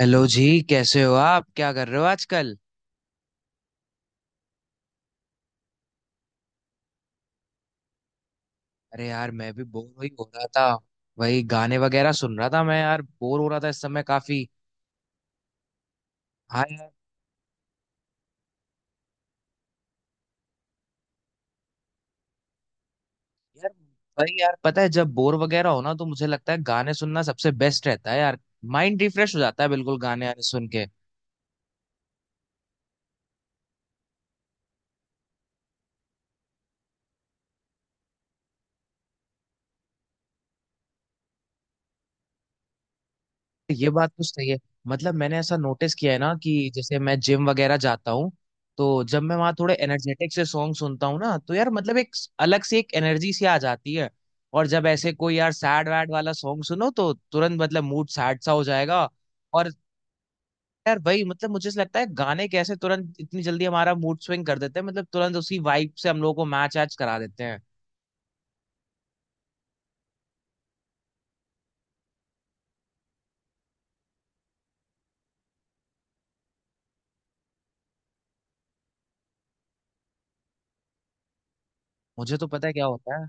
Hello जी, कैसे हो आप? क्या कर रहे हो आजकल? अरे यार, मैं भी बोर हो ही हो रहा था। वही गाने वगैरह सुन रहा था मैं, यार बोर हो रहा था इस समय काफी। हाँ यार। यार वही यार, पता है जब बोर वगैरह हो ना तो मुझे लगता है गाने सुनना सबसे बेस्ट रहता है यार। माइंड रिफ्रेश हो जाता है बिल्कुल गाने आने सुन के। ये बात तो सही है। मतलब मैंने ऐसा नोटिस किया है ना कि जैसे मैं जिम वगैरह जाता हूँ, तो जब मैं वहाँ थोड़े एनर्जेटिक से सॉन्ग सुनता हूँ ना, तो यार मतलब एक अलग से एक एनर्जी सी आ जाती है। और जब ऐसे कोई यार सैड वैड वाला सॉन्ग सुनो, तो तुरंत मतलब मूड सैड सा हो जाएगा। और यार वही मतलब, मुझे ऐसा लगता है गाने कैसे तुरंत इतनी जल्दी हमारा मूड स्विंग कर देते हैं। मतलब तुरंत उसी वाइब से हम लोगों को मैच ऐच करा देते हैं। मुझे तो पता है क्या होता है।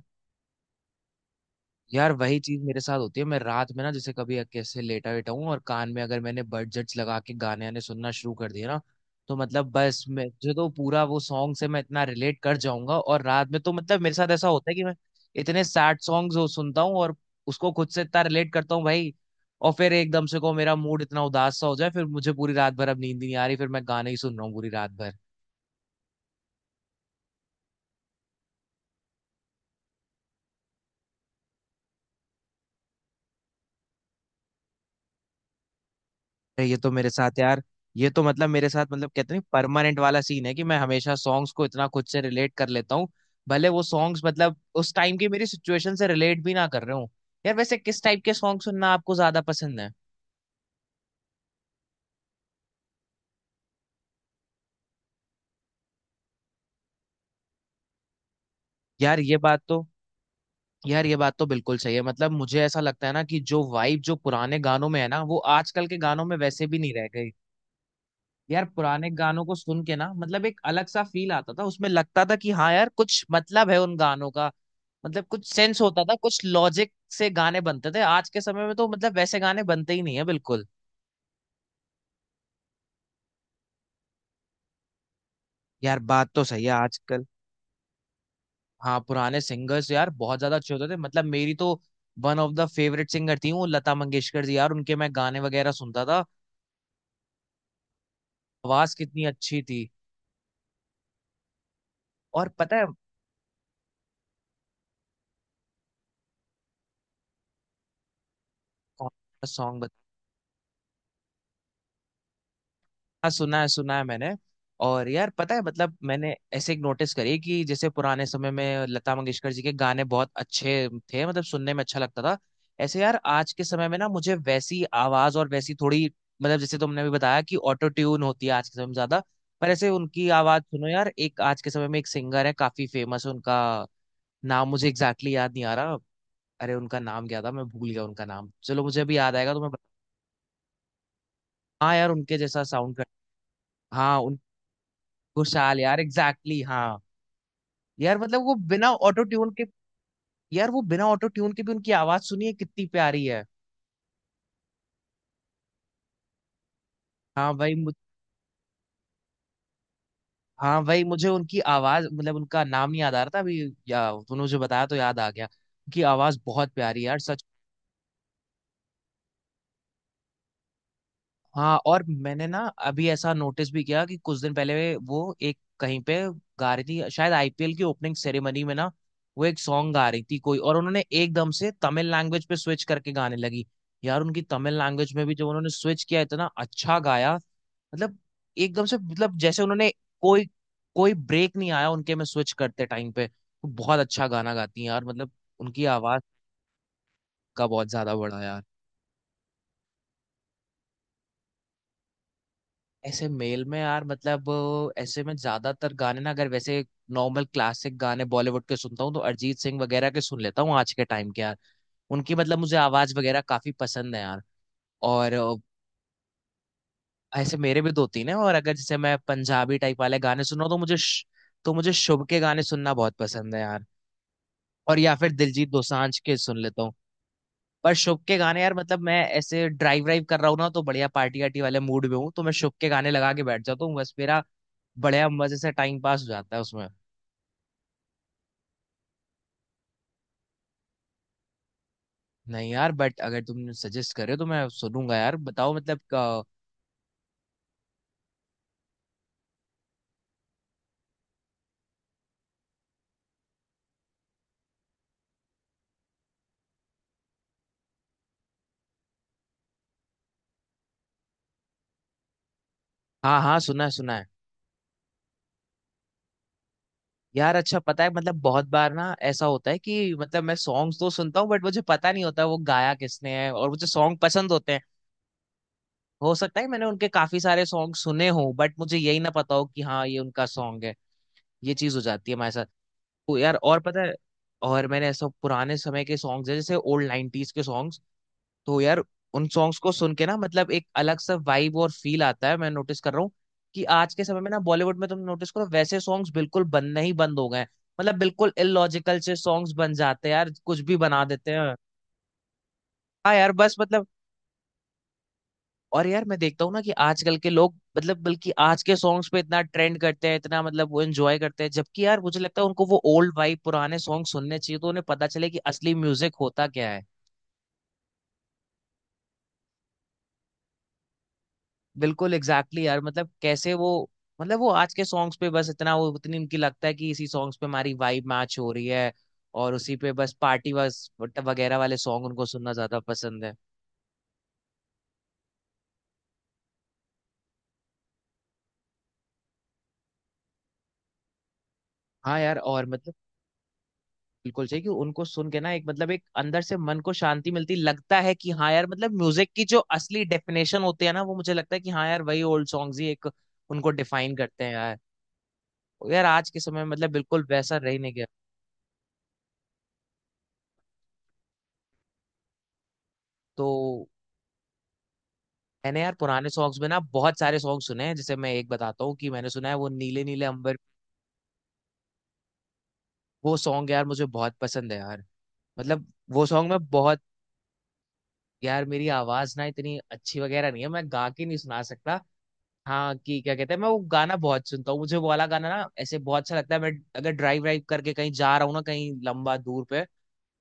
यार वही चीज मेरे साथ होती है। मैं रात में ना जैसे कभी कैसे लेटा वेटा हूँ, और कान में अगर मैंने बडजेट्स लगा के गाने आने सुनना शुरू कर दिए ना, तो मतलब बस मैं जो तो पूरा वो सॉन्ग से मैं इतना रिलेट कर जाऊंगा। और रात में तो मतलब मेरे साथ ऐसा होता है कि मैं इतने सैड सॉन्ग्स हो सुनता हूँ और उसको खुद से इतना रिलेट करता हूँ भाई। और फिर एकदम से को मेरा मूड इतना उदास सा हो जाए, फिर मुझे पूरी रात भर अब नींद ही नहीं आ रही, फिर मैं गाने ही सुन रहा हूँ पूरी रात भर। अरे ये तो मेरे साथ यार, ये तो मतलब मेरे साथ मतलब कहते नहीं, परमानेंट वाला सीन है कि मैं हमेशा सॉन्ग्स को इतना खुद से रिलेट कर लेता हूँ। भले वो सॉन्ग्स मतलब उस टाइम की मेरी सिचुएशन से रिलेट भी ना कर रहे हूँ। यार वैसे किस टाइप के सॉन्ग सुनना आपको ज्यादा पसंद है? यार ये बात तो यार ये बात तो बिल्कुल सही है। मतलब मुझे ऐसा लगता है ना कि जो वाइब जो पुराने गानों में है ना, वो आजकल के गानों में वैसे भी नहीं रह गई। यार पुराने गानों को सुन के ना, मतलब एक अलग सा फील आता था, उसमें लगता था कि हाँ यार कुछ मतलब है उन गानों का। मतलब कुछ सेंस होता था, कुछ लॉजिक से गाने बनते थे। आज के समय में तो मतलब वैसे गाने बनते ही नहीं है बिल्कुल। यार बात तो सही है आजकल। हाँ पुराने सिंगर्स यार बहुत ज्यादा अच्छे होते थे। मतलब मेरी तो one of the favourite singer थी वो लता मंगेशकर जी। यार उनके मैं गाने वगैरह सुनता था। आवाज कितनी अच्छी थी। और पता है, कौन सा सॉन्ग? हाँ सुना है, सुना है मैंने। और यार पता है, मतलब मैंने ऐसे एक नोटिस करी कि जैसे पुराने समय में लता मंगेशकर जी के गाने बहुत अच्छे थे, मतलब सुनने में अच्छा लगता था। ऐसे यार आज के समय में ना, मुझे वैसी आवाज और वैसी थोड़ी मतलब जैसे तुमने भी बताया कि ऑटो ट्यून होती है आज के समय में ज्यादा। पर ऐसे उनकी आवाज सुनो यार, एक आज के समय में एक सिंगर है, काफी फेमस है। उनका नाम मुझे एग्जैक्टली याद नहीं आ रहा। अरे उनका नाम क्या था, मैं भूल गया उनका नाम। चलो मुझे अभी याद आएगा तो मैं हाँ यार उनके जैसा साउंड कर। हाँ, खुशहाल यार एग्जैक्टली, हाँ। यार मतलब वो बिना ऑटो ट्यून के, यार वो बिना ऑटो ट्यून के भी उनकी आवाज सुनिए कितनी प्यारी है। हाँ भाई मुझ, हाँ भाई मुझे उनकी आवाज मतलब उनका नाम नहीं याद आ रहा था अभी। या तूने मुझे बताया तो याद आ गया। उनकी आवाज बहुत प्यारी है यार, सच। हाँ और मैंने ना अभी ऐसा नोटिस भी किया कि कुछ दिन पहले वो एक कहीं पे गा रही थी, शायद आईपीएल की ओपनिंग सेरेमनी में ना। वो एक सॉन्ग गा रही थी कोई, और उन्होंने एकदम से तमिल लैंग्वेज पे स्विच करके गाने लगी। यार उनकी तमिल लैंग्वेज में भी जब उन्होंने स्विच किया, इतना अच्छा गाया। मतलब एकदम से मतलब जैसे उन्होंने कोई कोई ब्रेक नहीं आया उनके में स्विच करते टाइम पे। तो बहुत अच्छा गाना गाती हैं यार, मतलब उनकी आवाज का बहुत ज्यादा बड़ा। ऐसे मेल में यार, मतलब ऐसे में ज्यादातर गाने ना, अगर वैसे नॉर्मल क्लासिक गाने बॉलीवुड के सुनता हूँ, तो अरिजीत सिंह वगैरह के सुन लेता हूँ आज के टाइम के यार। उनकी मतलब मुझे आवाज वगैरह काफी पसंद है यार। और ऐसे मेरे भी दो तीन है। और अगर जैसे मैं पंजाबी टाइप वाले गाने सुन रहा हूँ, तो मुझे तो मुझे शुभ के गाने सुनना बहुत पसंद है यार। और या फिर दिलजीत दोसांझ के सुन लेता हूँ। पर शुभ के गाने यार, मतलब मैं ऐसे ड्राइव ड्राइव कर रहा हूँ ना, तो बढ़िया पार्टी वार्टी वाले मूड में हूँ, तो मैं शुभ के गाने लगा के बैठ जाता हूँ बस मेरा, बढ़िया मजे से टाइम पास हो जाता है उसमें। नहीं यार, बट अगर तुम सजेस्ट करे तो मैं सुनूंगा यार, बताओ मतलब हाँ हाँ, सुना है सुना है। यार अच्छा, पता है मतलब बहुत बार ना ऐसा होता है कि मतलब मैं सॉन्ग्स तो सुनता हूँ बट मुझे पता नहीं होता वो गाया किसने है, और मुझे सॉन्ग पसंद होते हैं। हो सकता है मैंने उनके काफी सारे सॉन्ग सुने हों, बट मुझे यही ना पता हो कि हाँ ये उनका सॉन्ग है। ये चीज हो जाती है हमारे साथ। तो यार और पता है, और मैंने ऐसा पुराने समय के सॉन्ग्स है जैसे ओल्ड 90s के सॉन्ग्स, तो यार उन सॉन्ग्स को सुन के ना, मतलब एक अलग सा वाइब और फील आता है। मैं नोटिस कर रहा हूँ कि आज के समय में ना बॉलीवुड में तुम नोटिस करो, वैसे सॉन्ग्स बिल्कुल बनना ही बंद हो गए हैं। मतलब बिल्कुल इलॉजिकल से सॉन्ग्स बन जाते हैं यार, कुछ भी बना देते हैं। हाँ यार, बस मतलब। और यार मैं देखता हूँ ना कि आजकल के लोग, मतलब बल्कि आज के सॉन्ग्स पे इतना ट्रेंड करते हैं, इतना मतलब वो एंजॉय करते हैं, जबकि यार मुझे लगता है उनको वो ओल्ड वाइब पुराने सॉन्ग सुनने चाहिए तो उन्हें पता चले कि असली म्यूजिक होता क्या है। बिल्कुल एग्जैक्टली यार, मतलब कैसे वो, मतलब वो आज के सॉन्ग्स पे बस इतना वो उतनी उनकी लगता है कि इसी सॉन्ग्स पे हमारी वाइब मैच हो रही है। और उसी पे बस पार्टी बस वगैरह वाले सॉन्ग उनको सुनना ज्यादा पसंद है। हाँ यार और मतलब बिल्कुल सही कि उनको सुन के ना, एक मतलब एक अंदर से मन को शांति मिलती, लगता है कि हाँ यार मतलब म्यूजिक की जो असली डेफिनेशन होती है ना, वो मुझे लगता है कि हाँ यार वही ओल्ड सॉन्ग्स ही एक उनको डिफाइन करते हैं यार। यार आज के समय में मतलब बिल्कुल वैसा रह ही नहीं गया। तो मैंने यार पुराने सॉन्ग्स में ना बहुत सारे सॉन्ग सुने हैं। जैसे मैं एक बताता हूँ कि मैंने सुना है वो नीले नीले अंबर। वो सॉन्ग यार मुझे बहुत पसंद है यार। मतलब वो सॉन्ग में बहुत, यार मेरी आवाज ना इतनी अच्छी वगैरह नहीं है, मैं गा के नहीं सुना सकता। हाँ, कि क्या कहते हैं, मैं वो गाना बहुत सुनता हूँ, मुझे वो वाला गाना ना ऐसे बहुत अच्छा लगता है। मैं अगर ड्राइव ड्राइव करके कहीं जा रहा हूँ ना, कहीं लंबा दूर पे,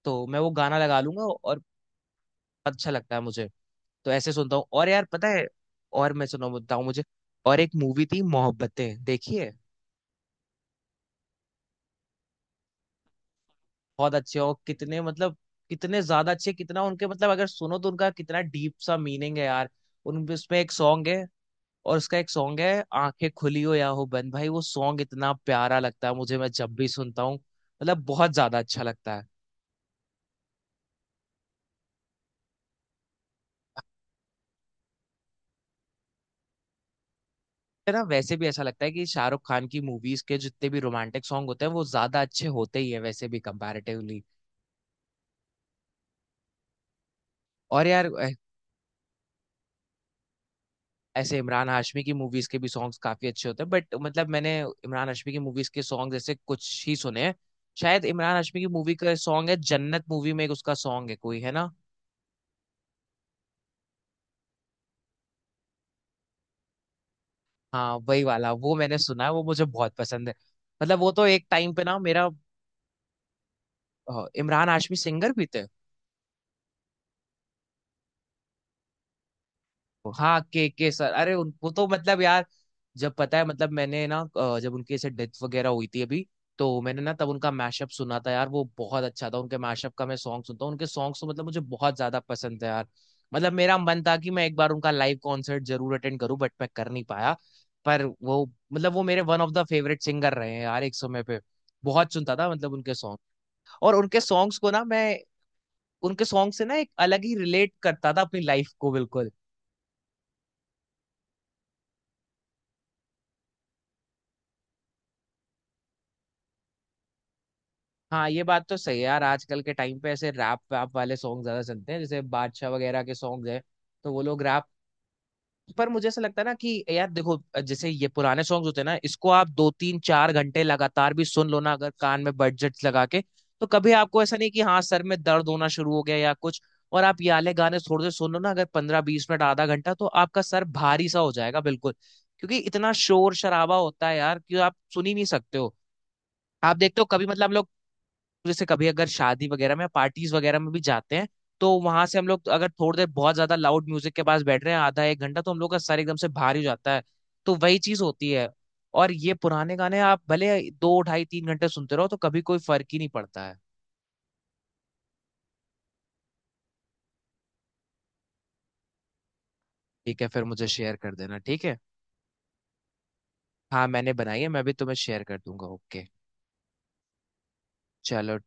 तो मैं वो गाना लगा लूंगा और अच्छा लगता है मुझे। तो ऐसे सुनता हूँ और यार पता है, और मैं सुना बताऊँ मुझे, और एक मूवी थी मोहब्बतें देखिए। बहुत अच्छे और कितने मतलब, कितने ज्यादा अच्छे, कितना उनके मतलब अगर सुनो तो उनका कितना डीप सा मीनिंग है यार। उन उसमें एक सॉन्ग है, और उसका एक सॉन्ग है आंखें खुली हो या हो बंद, भाई वो सॉन्ग इतना प्यारा लगता है, मुझे मैं जब भी सुनता हूँ, मतलब बहुत ज्यादा अच्छा लगता है। है ना, वैसे भी ऐसा लगता है कि शाहरुख खान की मूवीज के जितने भी रोमांटिक सॉन्ग होते हैं वो ज्यादा अच्छे होते ही है वैसे भी कंपैरेटिवली। और यार ऐसे इमरान हाशमी की मूवीज के भी सॉन्ग्स काफी अच्छे होते हैं, बट मतलब मैंने इमरान हाशमी की मूवीज के सॉन्ग जैसे कुछ ही सुने हैं। शायद इमरान हाशमी की मूवी का सॉन्ग है, जन्नत मूवी में एक उसका सॉन्ग है कोई, है ना? हाँ वही वाला, वो मैंने सुना है, वो मुझे बहुत पसंद है। मतलब वो तो एक टाइम पे ना मेरा, इमरान हाशमी सिंगर भी थे? हाँ, के सर, अरे उन वो तो मतलब यार, जब पता है मतलब मैंने ना जब उनकी ऐसे डेथ वगैरह हुई थी अभी, तो मैंने ना तब उनका मैशअप सुना था यार, वो बहुत अच्छा था। उनके मैशअप का मैं सॉन्ग सुनता हूँ, उनके सॉन्ग्स तो मतलब मुझे बहुत ज्यादा पसंद है यार। मतलब मेरा मन था कि मैं एक बार उनका लाइव कॉन्सर्ट जरूर अटेंड करूँ, बट मैं कर नहीं पाया। पर वो, मतलब वो मेरे one of the favourite singer रहे हैं यार एक समय पे। बहुत सुनता था मतलब उनके सॉन्ग। और उनके सॉन्ग्स को ना मैं, उनके सॉन्ग से ना एक अलग ही रिलेट करता था अपनी लाइफ को बिल्कुल। हाँ ये बात तो सही है यार, आजकल के टाइम पे ऐसे रैप वैप वाले सॉन्ग ज्यादा चलते हैं, जैसे बादशाह वगैरह के सॉन्ग हैं। तो वो लोग रैप, पर मुझे ऐसा लगता है ना कि यार देखो, जैसे ये पुराने सॉन्ग्स होते हैं ना, इसको आप 2 3 4 घंटे लगातार भी सुन लो ना अगर कान में बजट लगा के, तो कभी आपको ऐसा नहीं कि हाँ सर में दर्द होना शुरू हो गया या कुछ। और आप ये वाले गाने थोड़े से सुन लो ना अगर 15 20 मिनट आधा घंटा, तो आपका सर भारी सा हो जाएगा बिल्कुल। क्योंकि इतना शोर शराबा होता है यार कि आप सुन ही नहीं सकते हो। आप देखते हो कभी, मतलब हम लोग जैसे कभी अगर शादी वगैरह में, पार्टीज वगैरह में भी जाते हैं, तो वहां से हम लोग अगर थोड़ी देर बहुत ज्यादा लाउड म्यूजिक के पास बैठ रहे हैं आधा 1 घंटा, तो हम लोग का सर एकदम से भारी हो जाता है। तो वही चीज होती है। और ये पुराने गाने आप भले 2 ढाई 3 घंटे सुनते रहो, तो कभी कोई फर्क ही नहीं पड़ता है। ठीक है, फिर मुझे शेयर कर देना, ठीक है। हाँ मैंने बनाई है, मैं भी तुम्हें शेयर कर दूंगा, ओके। चलो।